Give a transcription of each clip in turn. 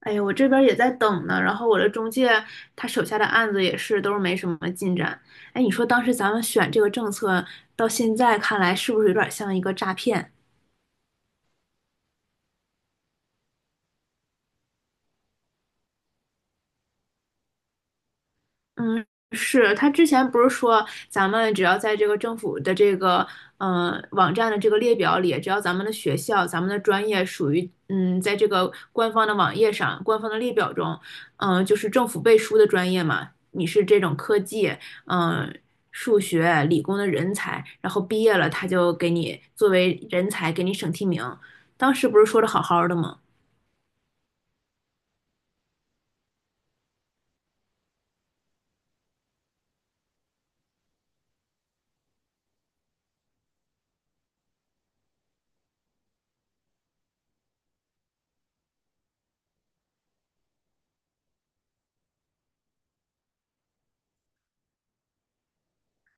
哎呀，我这边儿也在等呢，然后我的中介他手下的案子也是都是没什么进展。哎，你说当时咱们选这个政策，到现在看来是不是有点儿像一个诈骗？嗯，是他之前不是说咱们只要在这个政府的这个网站的这个列表里，只要咱们的学校、咱们的专业属于在这个官方的网页上、官方的列表中，就是政府背书的专业嘛，你是这种科技，嗯、数学、理工的人才，然后毕业了他就给你作为人才给你省提名，当时不是说的好好的吗？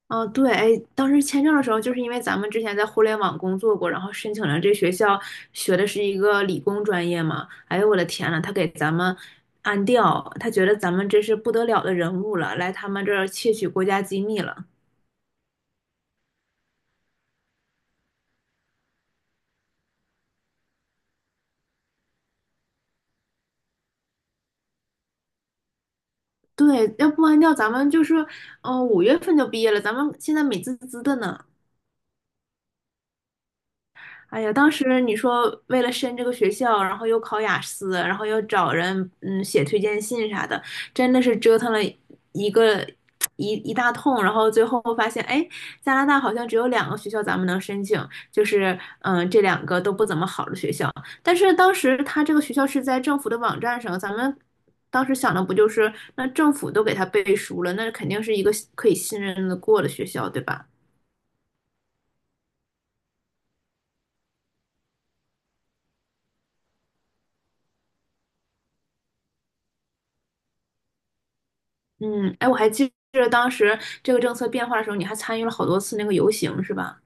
嗯，对，哎，当时签证的时候，就是因为咱们之前在互联网工作过，然后申请了这学校，学的是一个理工专业嘛。哎呦，我的天呐，他给咱们安调，他觉得咱们这是不得了的人物了，来他们这儿窃取国家机密了。对，要不安调，咱们就是，五月份就毕业了，咱们现在美滋滋的呢。哎呀，当时你说为了申这个学校，然后又考雅思，然后又找人写推荐信啥的，真的是折腾了一个一一大通，然后最后发现，哎，加拿大好像只有两个学校咱们能申请，就是这两个都不怎么好的学校，但是当时他这个学校是在政府的网站上，咱们当时想的不就是那政府都给他背书了，那肯定是一个可以信任的过的学校，对吧？嗯，哎，我还记着当时这个政策变化的时候，你还参与了好多次那个游行，是吧？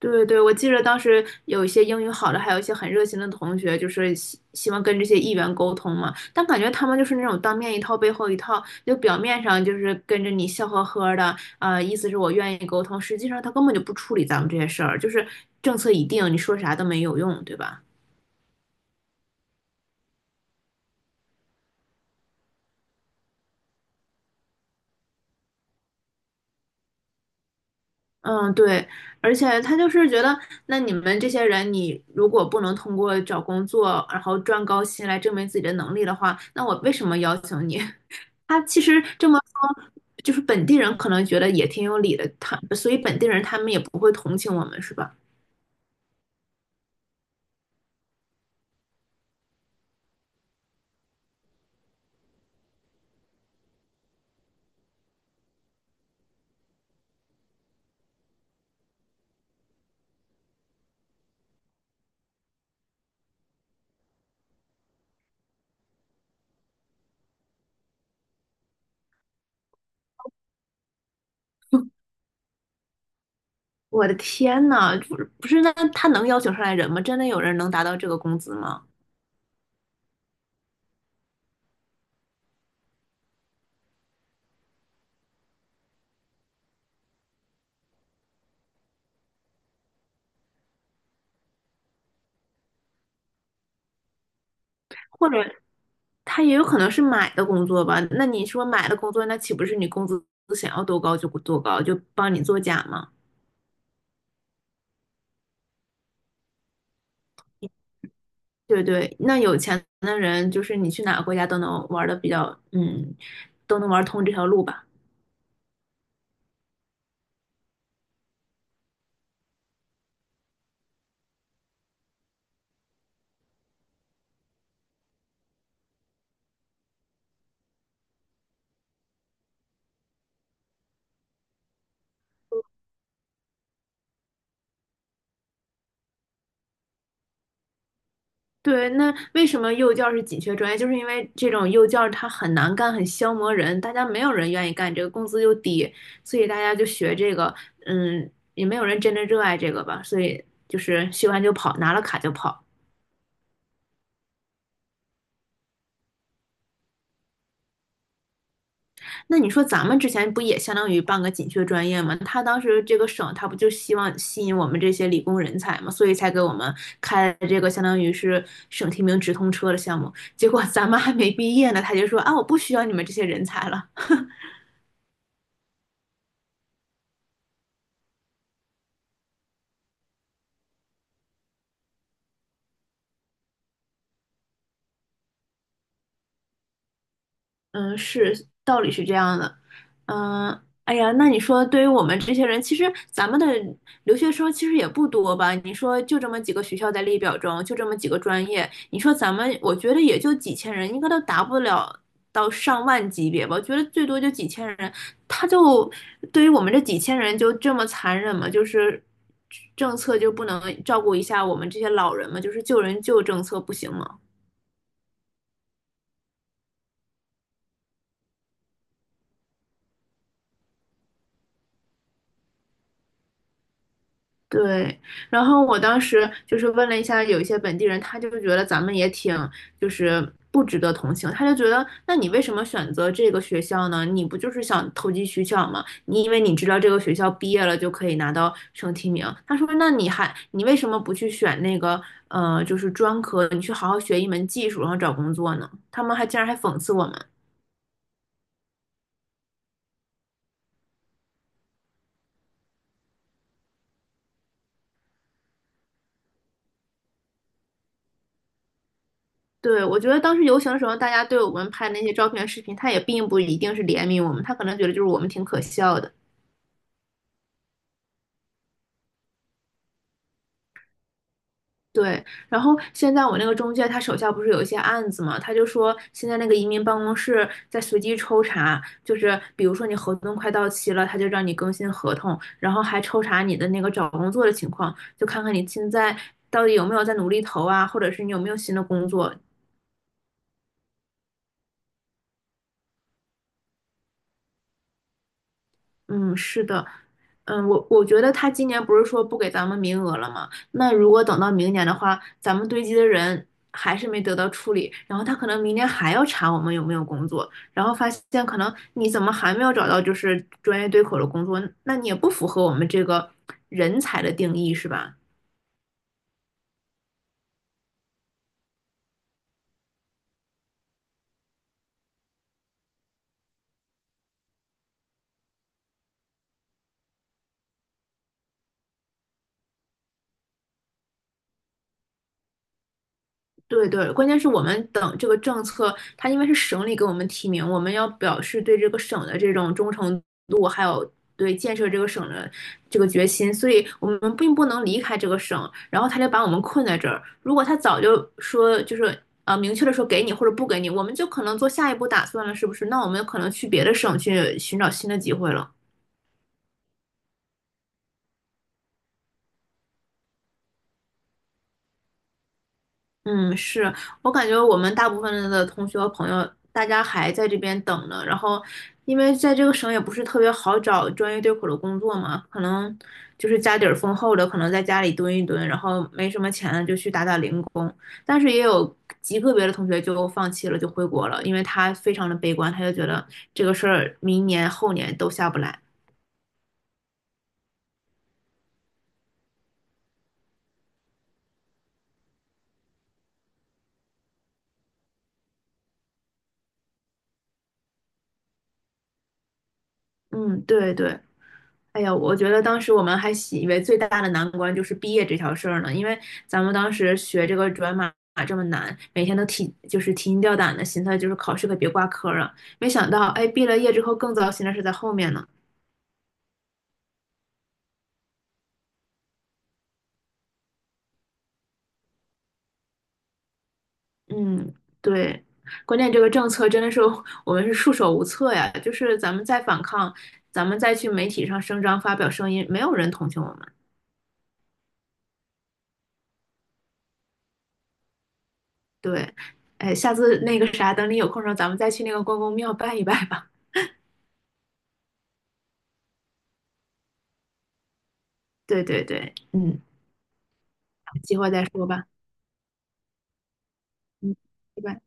对对，我记着当时有一些英语好的，还有一些很热心的同学，就是希望跟这些议员沟通嘛。但感觉他们就是那种当面一套，背后一套，就表面上就是跟着你笑呵呵的，啊、意思是我愿意沟通，实际上他根本就不处理咱们这些事儿，就是政策已定，你说啥都没有用，对吧？嗯，对，而且他就是觉得，那你们这些人，你如果不能通过找工作，然后赚高薪来证明自己的能力的话，那我为什么邀请你？他其实这么说，就是本地人可能觉得也挺有理的，他，所以本地人他们也不会同情我们，是吧？我的天呐，不是不是，那他能邀请上来人吗？真的有人能达到这个工资吗？或者他也有可能是买的工作吧？那你说买的工作，那岂不是你工资想要多高就多高，就帮你作假吗？对对，那有钱的人就是你去哪个国家都能玩的比较，都能玩通这条路吧。对，那为什么幼教是紧缺专业？就是因为这种幼教它很难干，很消磨人，大家没有人愿意干这个，工资又低，所以大家就学这个，嗯，也没有人真的热爱这个吧，所以就是学完就跑，拿了卡就跑。那你说咱们之前不也相当于办个紧缺专业吗？他当时这个省他不就希望吸引我们这些理工人才吗？所以才给我们开了这个相当于是省提名直通车的项目。结果咱们还没毕业呢，他就说啊，我不需要你们这些人才了。嗯，是，道理是这样的。嗯，哎呀，那你说，对于我们这些人，其实咱们的留学生其实也不多吧？你说就这么几个学校在列表中，就这么几个专业，你说咱们，我觉得也就几千人，应该都达不了到上万级别吧？我觉得最多就几千人，他就对于我们这几千人就这么残忍吗？就是政策就不能照顾一下我们这些老人吗？就是救人救政策不行吗？对，然后我当时就是问了一下有一些本地人，他就觉得咱们也挺就是不值得同情，他就觉得那你为什么选择这个学校呢？你不就是想投机取巧吗？你以为你知道这个学校毕业了就可以拿到省提名？他说那你还你为什么不去选那个就是专科，你去好好学一门技术，然后找工作呢？他们竟然还讽刺我们。对，我觉得当时游行的时候，大家对我们拍那些照片、视频，他也并不一定是怜悯我们，他可能觉得就是我们挺可笑的。对，然后现在我那个中介他手下不是有一些案子嘛，他就说现在那个移民办公室在随机抽查，就是比如说你合同快到期了，他就让你更新合同，然后还抽查你的那个找工作的情况，就看看你现在到底有没有在努力投啊，或者是你有没有新的工作，嗯，是的，嗯，我觉得他今年不是说不给咱们名额了吗？那如果等到明年的话，咱们堆积的人还是没得到处理，然后他可能明年还要查我们有没有工作，然后发现可能你怎么还没有找到就是专业对口的工作，那你也不符合我们这个人才的定义，是吧？对对，关键是我们等这个政策，它因为是省里给我们提名，我们要表示对这个省的这种忠诚度，还有对建设这个省的这个决心，所以我们并不能离开这个省，然后他就把我们困在这儿。如果他早就说就是明确的说给你或者不给你，我们就可能做下一步打算了，是不是？那我们可能去别的省去寻找新的机会了。嗯，是我感觉我们大部分的同学和朋友，大家还在这边等呢。然后，因为在这个省也不是特别好找专业对口的工作嘛，可能就是家底儿丰厚的，可能在家里蹲一蹲，然后没什么钱了就去打打零工。但是也有极个别的同学就放弃了，就回国了，因为他非常的悲观，他就觉得这个事儿明年后年都下不来。嗯，对对。哎呀，我觉得当时我们还习以为最大的难关就是毕业这条事儿呢，因为咱们当时学这个转码这么难，每天都提就是提心吊胆的，寻思就是考试可别挂科儿啊。没想到，哎，毕了业之后更糟心的是在后面呢。嗯，对，关键这个政策真的是我们是束手无策呀，就是咱们再反抗，咱们再去媒体上声张发表声音，没有人同情我们。对，哎，下次那个啥，等你有空的时候，咱们再去那个关公庙拜一拜吧。对对对，嗯。计划再说吧。嗯，拜拜。